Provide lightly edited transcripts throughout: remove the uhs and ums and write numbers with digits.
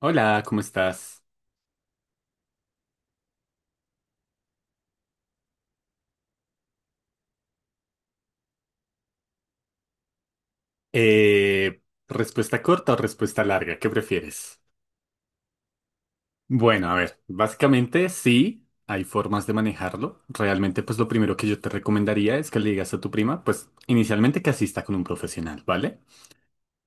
Hola, ¿cómo estás? Eh, ¿Respuesta corta o respuesta larga? ¿Qué prefieres? Bueno, a ver, básicamente sí, hay formas de manejarlo. Realmente, pues lo primero que yo te recomendaría es que le digas a tu prima, pues inicialmente que asista con un profesional, ¿vale?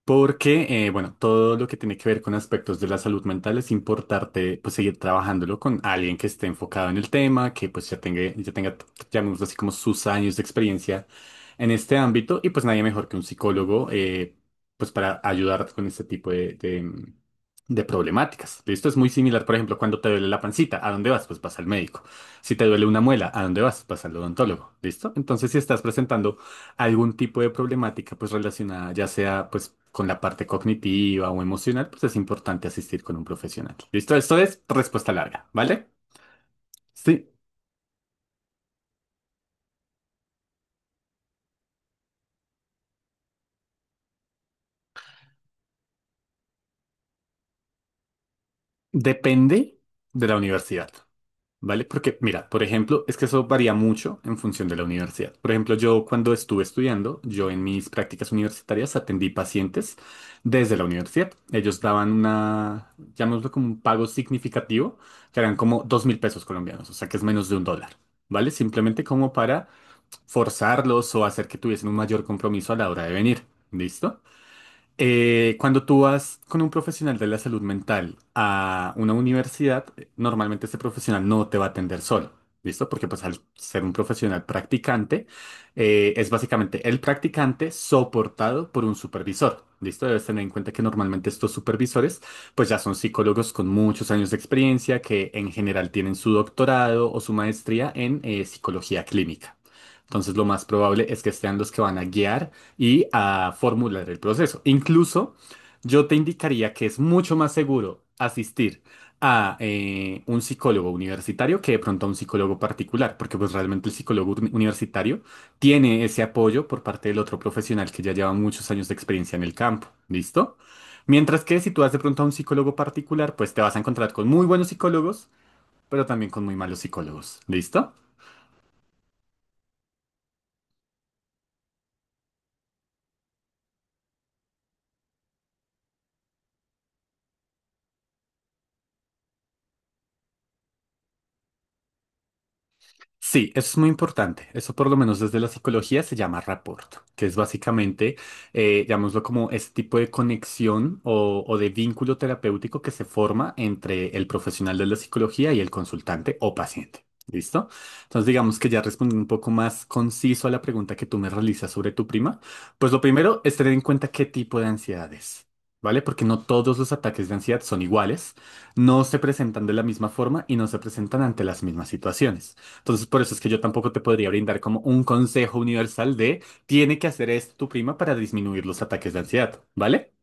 Porque, bueno, todo lo que tiene que ver con aspectos de la salud mental es importante, pues, seguir trabajándolo con alguien que esté enfocado en el tema, que, pues, ya tenga, llamémoslo así, como sus años de experiencia en este ámbito. Y, pues, nadie mejor que un psicólogo, pues, para ayudarte con este tipo de problemáticas. Esto es muy similar, por ejemplo, cuando te duele la pancita, ¿a dónde vas? Pues vas al médico. Si te duele una muela, ¿a dónde vas? Vas al odontólogo. ¿Listo? Entonces, si estás presentando algún tipo de problemática pues relacionada ya sea pues con la parte cognitiva o emocional, pues es importante asistir con un profesional. ¿Listo? Esto es respuesta larga, ¿vale? Sí, depende de la universidad. ¿Vale? Porque, mira, por ejemplo, es que eso varía mucho en función de la universidad. Por ejemplo, yo cuando estuve estudiando, yo en mis prácticas universitarias atendí pacientes desde la universidad. Ellos daban una, llamémoslo como un pago significativo, que eran como 2.000 pesos colombianos, o sea que es menos de un dólar, ¿vale? Simplemente como para forzarlos o hacer que tuviesen un mayor compromiso a la hora de venir, ¿listo? Cuando tú vas con un profesional de la salud mental a una universidad, normalmente ese profesional no te va a atender solo, ¿listo? Porque pues al ser un profesional practicante, es básicamente el practicante soportado por un supervisor, ¿listo? Debes tener en cuenta que normalmente estos supervisores pues ya son psicólogos con muchos años de experiencia que en general tienen su doctorado o su maestría en psicología clínica. Entonces, lo más probable es que sean los que van a guiar y a formular el proceso. Incluso, yo te indicaría que es mucho más seguro asistir a un psicólogo universitario que de pronto a un psicólogo particular, porque pues realmente el psicólogo universitario tiene ese apoyo por parte del otro profesional que ya lleva muchos años de experiencia en el campo. ¿Listo? Mientras que si tú vas de pronto a un psicólogo particular, pues te vas a encontrar con muy buenos psicólogos, pero también con muy malos psicólogos. ¿Listo? Sí, eso es muy importante. Eso por lo menos desde la psicología se llama rapport, que es básicamente, llamémoslo como ese tipo de conexión o de vínculo terapéutico que se forma entre el profesional de la psicología y el consultante o paciente. ¿Listo? Entonces digamos que ya respondiendo un poco más conciso a la pregunta que tú me realizas sobre tu prima, pues lo primero es tener en cuenta qué tipo de ansiedad es, ¿vale? Porque no todos los ataques de ansiedad son iguales, no se presentan de la misma forma y no se presentan ante las mismas situaciones. Entonces, por eso es que yo tampoco te podría brindar como un consejo universal de tiene que hacer esto tu prima para disminuir los ataques de ansiedad, ¿vale?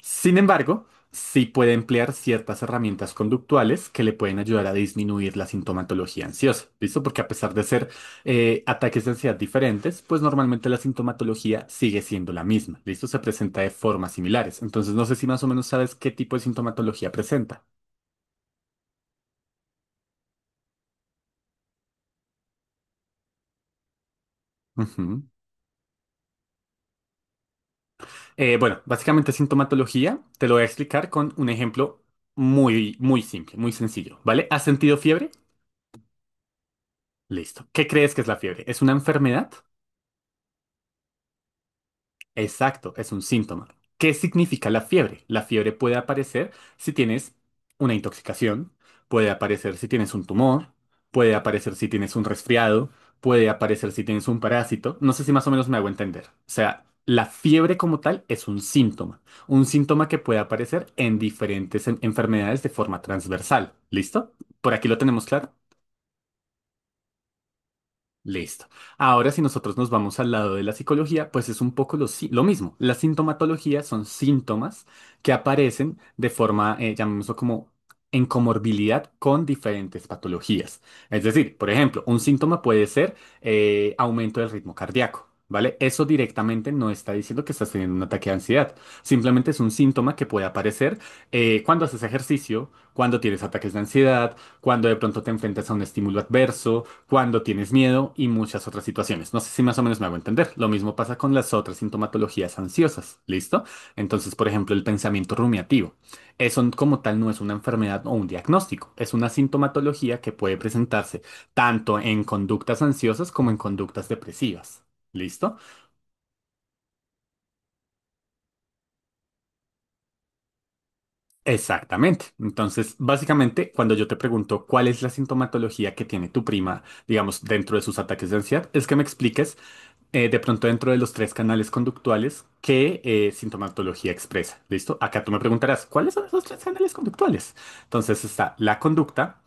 Sin embargo, sí puede emplear ciertas herramientas conductuales que le pueden ayudar a disminuir la sintomatología ansiosa, ¿listo? Porque a pesar de ser ataques de ansiedad diferentes, pues normalmente la sintomatología sigue siendo la misma, ¿listo? Se presenta de formas similares. Entonces, no sé si más o menos sabes qué tipo de sintomatología presenta. Ujú. Bueno, básicamente sintomatología te lo voy a explicar con un ejemplo muy, muy simple, muy sencillo, ¿vale? ¿Has sentido fiebre? Listo. ¿Qué crees que es la fiebre? ¿Es una enfermedad? Exacto, es un síntoma. ¿Qué significa la fiebre? La fiebre puede aparecer si tienes una intoxicación, puede aparecer si tienes un tumor, puede aparecer si tienes un resfriado, puede aparecer si tienes un parásito. No sé si más o menos me hago entender. O sea, la fiebre como tal es un síntoma que puede aparecer en diferentes enfermedades de forma transversal. ¿Listo? ¿Por aquí lo tenemos claro? Listo. Ahora, si nosotros nos vamos al lado de la psicología, pues es un poco lo, si- lo mismo. La sintomatología son síntomas que aparecen de forma, llamémoslo como en comorbilidad con diferentes patologías. Es decir, por ejemplo, un síntoma puede ser aumento del ritmo cardíaco, ¿vale? Eso directamente no está diciendo que estás teniendo un ataque de ansiedad. Simplemente es un síntoma que puede aparecer cuando haces ejercicio, cuando tienes ataques de ansiedad, cuando de pronto te enfrentas a un estímulo adverso cuando tienes miedo y muchas otras situaciones. No sé si más o menos me hago entender. Lo mismo pasa con las otras sintomatologías ansiosas, ¿listo? Entonces, por ejemplo, el pensamiento rumiativo. Eso como tal no es una enfermedad o un diagnóstico, es una sintomatología que puede presentarse tanto en conductas ansiosas como en conductas depresivas. ¿Listo? Exactamente. Entonces, básicamente, cuando yo te pregunto cuál es la sintomatología que tiene tu prima, digamos, dentro de sus ataques de ansiedad, es que me expliques de pronto dentro de los tres canales conductuales que sintomatología expresa. ¿Listo? Acá tú me preguntarás, ¿cuáles son esos tres canales conductuales? Entonces está la conducta,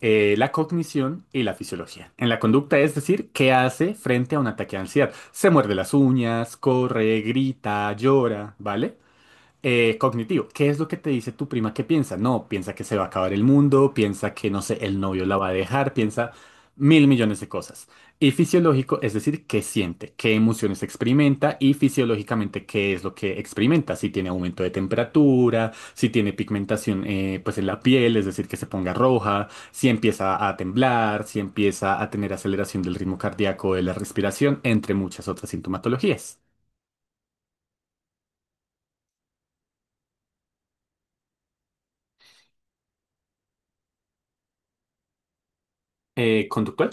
la cognición y la fisiología. En la conducta es decir, ¿qué hace frente a un ataque de ansiedad? Se muerde las uñas, corre, grita, llora, ¿vale? Cognitivo, ¿qué es lo que te dice tu prima que piensa? No, piensa que se va a acabar el mundo, piensa que, no sé, el novio la va a dejar, piensa 1.000 millones de cosas. Y fisiológico, es decir, qué siente, qué emociones experimenta y fisiológicamente qué es lo que experimenta, si tiene aumento de temperatura, si tiene pigmentación pues en la piel, es decir, que se ponga roja, si empieza a temblar, si empieza a tener aceleración del ritmo cardíaco, de la respiración, entre muchas otras sintomatologías. ¿Conductual?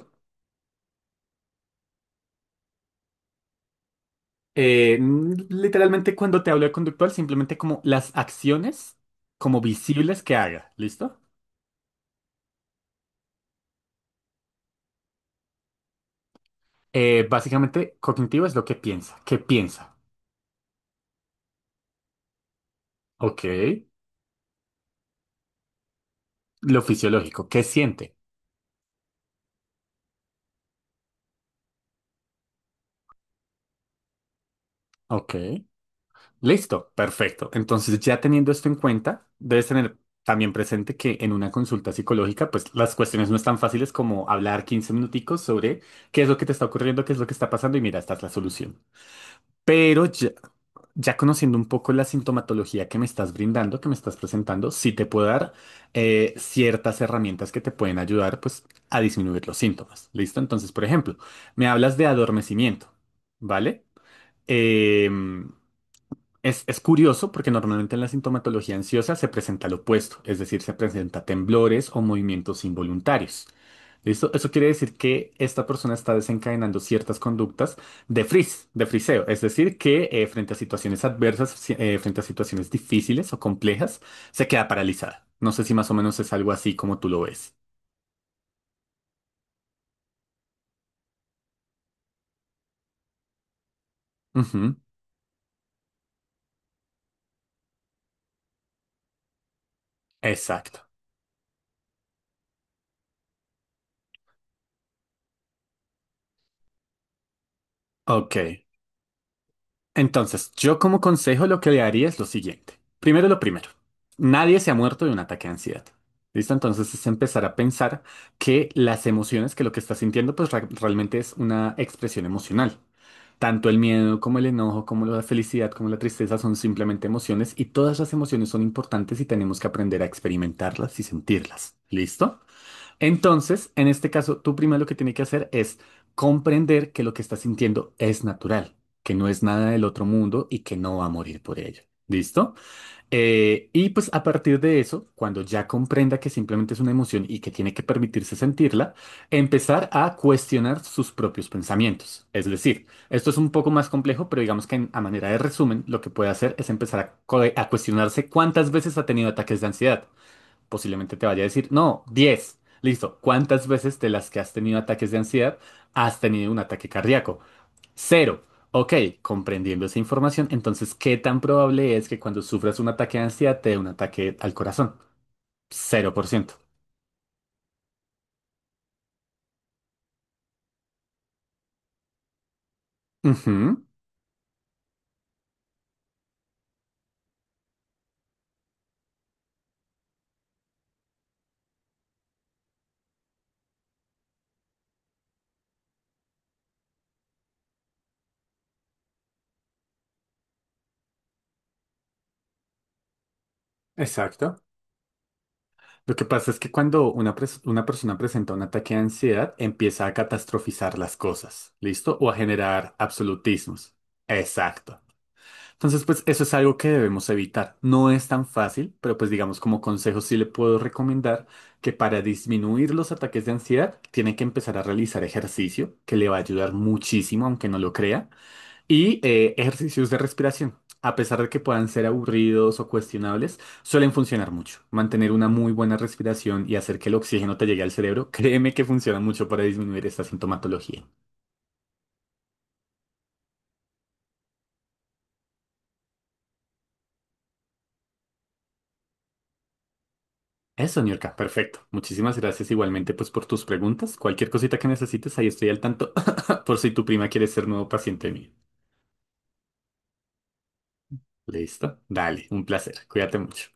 Literalmente cuando te hablo de conductual, simplemente como las acciones como visibles que haga, ¿listo? Básicamente, cognitivo es lo que piensa. ¿Qué piensa? Ok. Lo fisiológico, ¿qué siente? Ok. Listo, perfecto. Entonces, ya teniendo esto en cuenta, debes tener también presente que en una consulta psicológica, pues las cuestiones no están fáciles como hablar 15 minuticos sobre qué es lo que te está ocurriendo, qué es lo que está pasando y mira, esta es la solución. Pero ya- Ya conociendo un poco la sintomatología que me estás brindando, que me estás presentando, sí te puedo dar ciertas herramientas que te pueden ayudar pues a disminuir los síntomas. ¿Listo? Entonces, por ejemplo, me hablas de adormecimiento, ¿vale? Em, es curioso porque normalmente en la sintomatología ansiosa se presenta lo opuesto, es decir, se presenta temblores o movimientos involuntarios. ¿Listo? Eso quiere decir que esta persona está desencadenando ciertas conductas de frizz, de friseo, es decir, que frente a situaciones adversas, frente a situaciones difíciles o complejas, se queda paralizada. No sé si más o menos es algo así como tú lo ves. Ujú, exacto. Ok. Entonces, yo como consejo lo que le haría es lo siguiente. Primero lo primero, nadie se ha muerto de un ataque de ansiedad. ¿Listo? Entonces es empezar a pensar que las emociones, que lo que estás sintiendo, pues realmente es una expresión emocional. Tanto el miedo como el enojo, como la felicidad, como la tristeza son simplemente emociones y todas las emociones son importantes y tenemos que aprender a experimentarlas y sentirlas. ¿Listo? Entonces, en este caso, tú primero lo que tiene que hacer es comprender que lo que estás sintiendo es natural, que no es nada del otro mundo y que no va a morir por ello. ¿Listo? Y pues a partir de eso, cuando ya comprenda que simplemente es una emoción y que tiene que permitirse sentirla, empezar a cuestionar sus propios pensamientos. Es decir, esto es un poco más complejo, pero digamos que a manera de resumen, lo que puede hacer es empezar a a cuestionarse cuántas veces ha tenido ataques de ansiedad posiblemente te vaya a decir, no, 10. Listo. ¿Cuántas veces de las que has tenido ataques de ansiedad has tenido un ataque cardíaco? Cero. Ok, comprendiendo esa información, entonces, ¿qué tan probable es que cuando sufras un ataque de ansiedad te dé un ataque al corazón? 0%. Ujú, exacto. Lo que pasa es que cuando una persona presenta un ataque de ansiedad, empieza a catastrofizar las cosas, ¿listo? O a generar absolutismos. Exacto. Entonces, pues eso es algo que debemos evitar. No es tan fácil, pero pues digamos como consejo sí le puedo recomendar que para disminuir los ataques de ansiedad tiene que empezar a realizar ejercicio que le va a ayudar muchísimo, aunque no lo crea, y ejercicios de respiración. A pesar de que puedan ser aburridos o cuestionables, suelen funcionar mucho. Mantener una muy buena respiración y hacer que el oxígeno te llegue al cerebro, créeme que funciona mucho para disminuir esta sintomatología. Eso, Niurka, perfecto. Muchísimas gracias igualmente pues por tus preguntas. Cualquier cosita que necesites, ahí estoy al tanto por si tu prima quiere ser nuevo paciente mío. ¿Listo? Dale, un placer. Cuídate mucho.